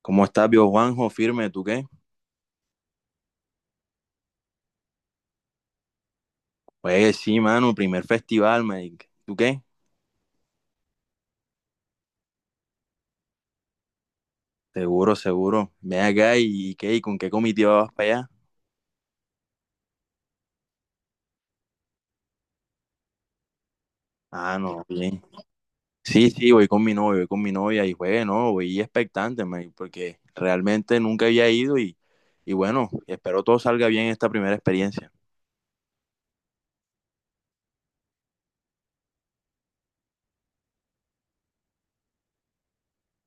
¿Cómo estás, viejo Juanjo? Firme, ¿tú qué? Pues sí, mano, primer festival, Mike. ¿Tú qué? Seguro, seguro. Ven acá y qué, ¿y con qué comitiva vas para allá? Ah, no, bien. Sí, sí, voy con mi novia, voy con mi novia y pues, no, voy expectante, Mike, porque realmente nunca había ido y bueno, espero todo salga bien esta primera experiencia.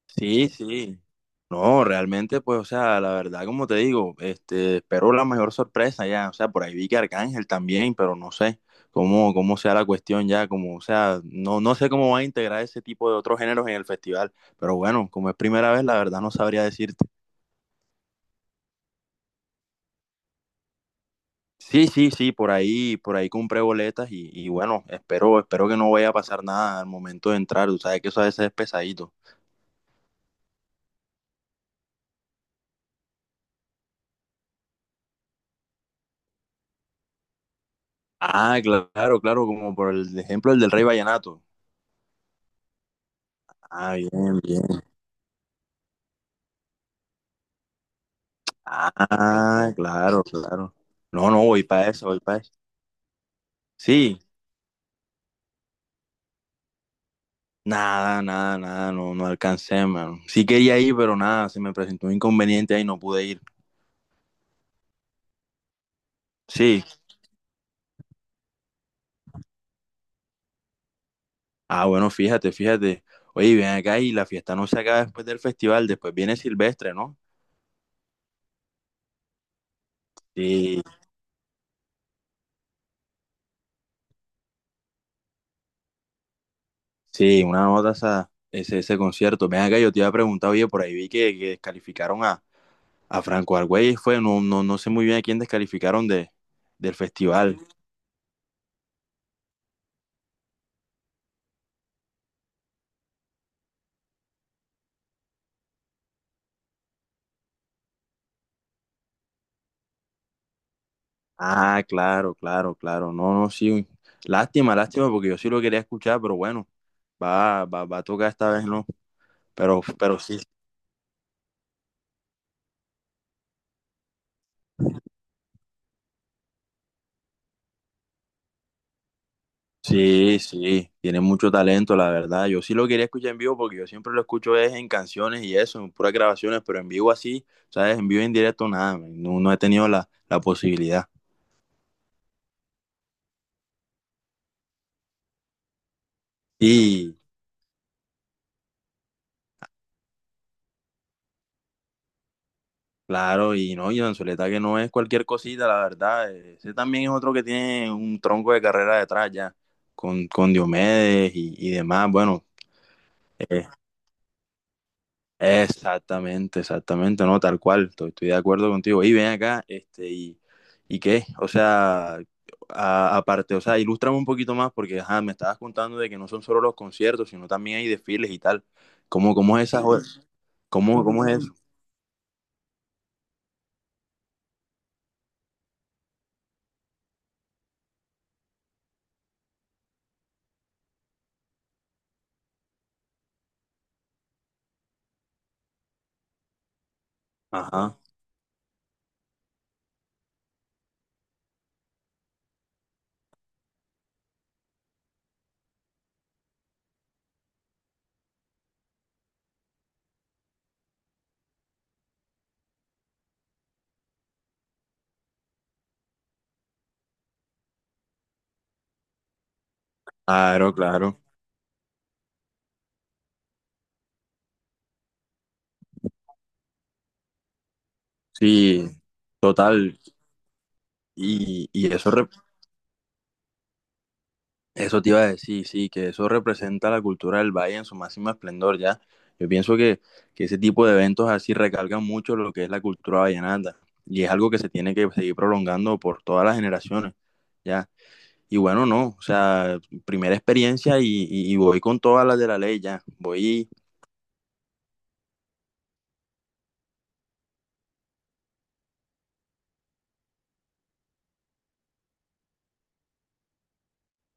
Sí, sí. No, realmente, pues, o sea, la verdad, como te digo, espero la mayor sorpresa ya. O sea, por ahí vi que Arcángel también, pero no sé cómo sea la cuestión ya, como, o sea, no sé cómo va a integrar ese tipo de otros géneros en el festival. Pero bueno, como es primera vez, la verdad no sabría decirte. Sí, sí, sí, por ahí compré boletas y bueno, espero, espero que no vaya a pasar nada al momento de entrar. Tú sabes que eso a veces es pesadito. Ah, claro, claro, como por el ejemplo el del Rey Vallenato. Ah, bien, bien. Ah, claro, claro. No, no, voy para eso, voy para eso. Sí, nada, nada, nada, no, no alcancé, mano. Sí quería ir, pero nada, se me presentó un inconveniente ahí, no pude ir. Sí. Ah, bueno, fíjate, fíjate. Oye, ven acá y la fiesta no se acaba después del festival, después viene Silvestre, ¿no? Sí, sí, una nota esa, ese concierto. Ven acá, yo te iba a preguntar, oye, por ahí vi que descalificaron a Franco Argüelles, fue, no, no, no sé muy bien a quién descalificaron de, del festival. Ah, claro, claro, claro. No, no, sí. Uy. Lástima, lástima, porque yo sí lo quería escuchar, pero bueno, va a tocar esta vez, ¿no? Pero sí, sí, sí. Tiene mucho talento, la verdad. Yo sí lo quería escuchar en vivo porque yo siempre lo escucho es en canciones y eso, en puras grabaciones, pero en vivo así, ¿sabes? En vivo en directo, nada, man, no, no he tenido la posibilidad. Y, claro, y no, y Anzuleta que no es cualquier cosita, la verdad. Ese también es otro que tiene un tronco de carrera detrás ya, con Diomedes y demás. Bueno, eh, exactamente, exactamente, no, tal cual, estoy de acuerdo contigo. Y ven acá, y qué, o sea, aparte, o sea, ilústrame un poquito más, porque ajá, me estabas contando de que no son solo los conciertos, sino también hay desfiles y tal. ¿Cómo es esa, cómo es eso? Ajá, claro, claro. Sí, total. Y, y eso, rep- eso te iba a decir, sí, que eso representa la cultura del valle en su máximo esplendor, ¿ya? Yo pienso que ese tipo de eventos así recalcan mucho lo que es la cultura vallenata y es algo que se tiene que seguir prolongando por todas las generaciones, ¿ya? Y bueno, no, o sea, primera experiencia y voy con todas las de la ley, ya, voy,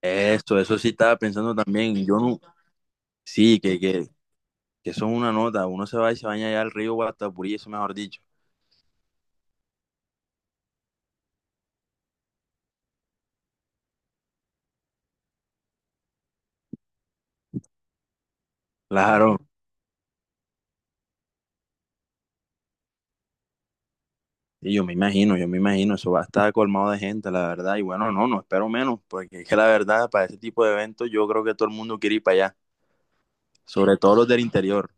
esto, eso sí estaba pensando también, yo no, sí, que eso es una nota, uno se va y se baña allá al río Guatapurí, eso mejor dicho, claro. Y yo me imagino, eso va a estar colmado de gente, la verdad. Y bueno, no, no espero menos, porque es que la verdad, para ese tipo de eventos, yo creo que todo el mundo quiere ir para allá, sobre todo los del interior.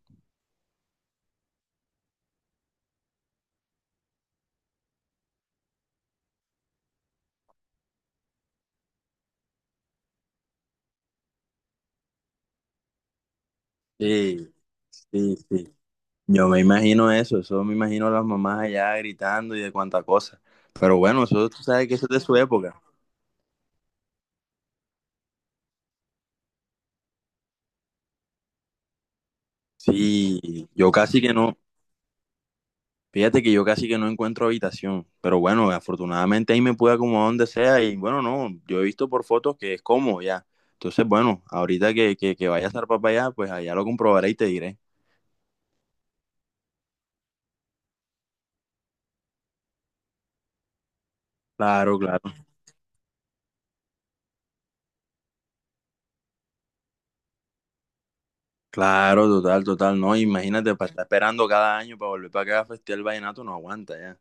Sí, sí, sí. Yo me imagino eso, eso me imagino a las mamás allá gritando y de cuánta cosa. Pero bueno, eso tú sabes que eso es de su época. Sí, yo casi que no. Fíjate que yo casi que no encuentro habitación, pero bueno, afortunadamente ahí me pude acomodar donde sea y bueno, no, yo he visto por fotos que es cómodo ya. Entonces, bueno, ahorita que vaya a zarpar para allá, pues allá lo comprobaré y te diré. Claro, claro, claro, total, total, no, imagínate, para estar esperando cada año para volver para acá a festear el vallenato no aguanta ya.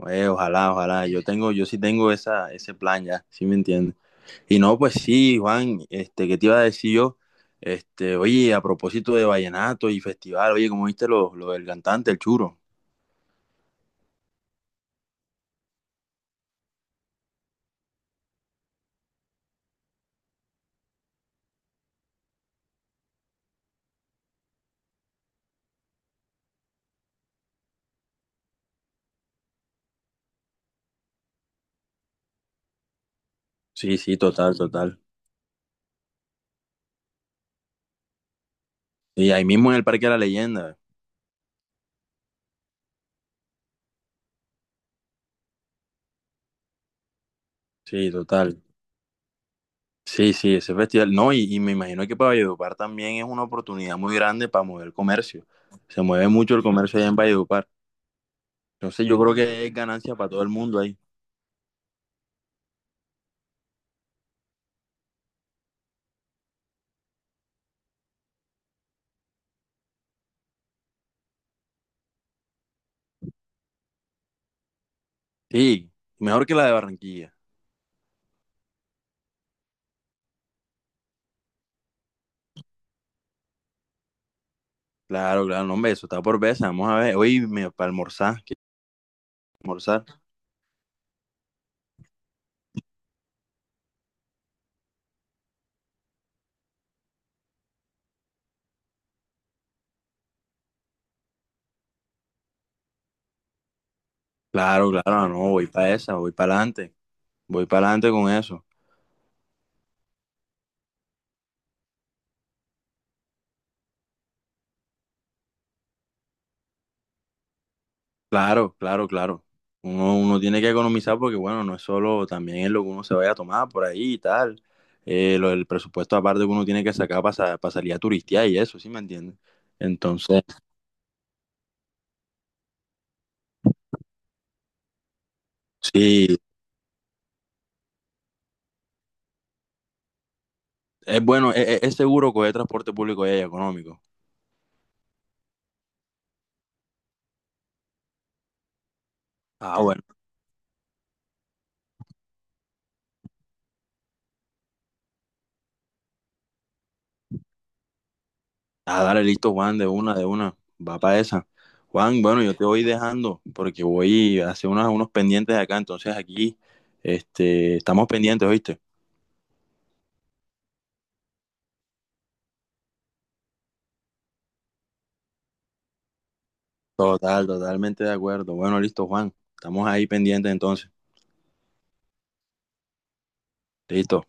Oye, ojalá, ojalá, yo tengo, yo sí tengo esa, ese plan ya, ¿sí me entiendes? Y no, pues sí, Juan, este, ¿qué te iba a decir yo? Este, oye, a propósito de vallenato y festival, oye, como viste lo del cantante, ¿el churo? Sí, sí, total, total. Y ahí mismo en el Parque de la Leyenda. Sí, total. Sí, sí, ese festival. No, y me imagino que para Valledupar también es una oportunidad muy grande para mover el comercio. Se mueve mucho el comercio allá en Valledupar. Entonces yo creo que es ganancia para todo el mundo ahí. Sí, mejor que la de Barranquilla. Claro, claro, no, hombre, eso está por veces. Vamos a ver, oye, para almorzar, ¿qué almorzar? Claro, claro, no, voy para esa, voy para adelante con eso. Claro, claro, claro. Uno tiene que economizar porque, bueno, no es solo también es lo que uno se vaya a tomar por ahí y tal. Lo del presupuesto aparte que uno tiene que sacar para, salir a turistear y eso, ¿sí me entiendes? Entonces, sí, es bueno, es seguro que el transporte público y económico. Ah, bueno. Ah, dale, listo, Juan, de una, de una. Va para esa. Juan, bueno, yo te voy dejando porque voy a hacer unos pendientes acá. Entonces aquí, estamos pendientes, ¿oíste? Total, totalmente de acuerdo. Bueno, listo, Juan. Estamos ahí pendientes entonces. Listo.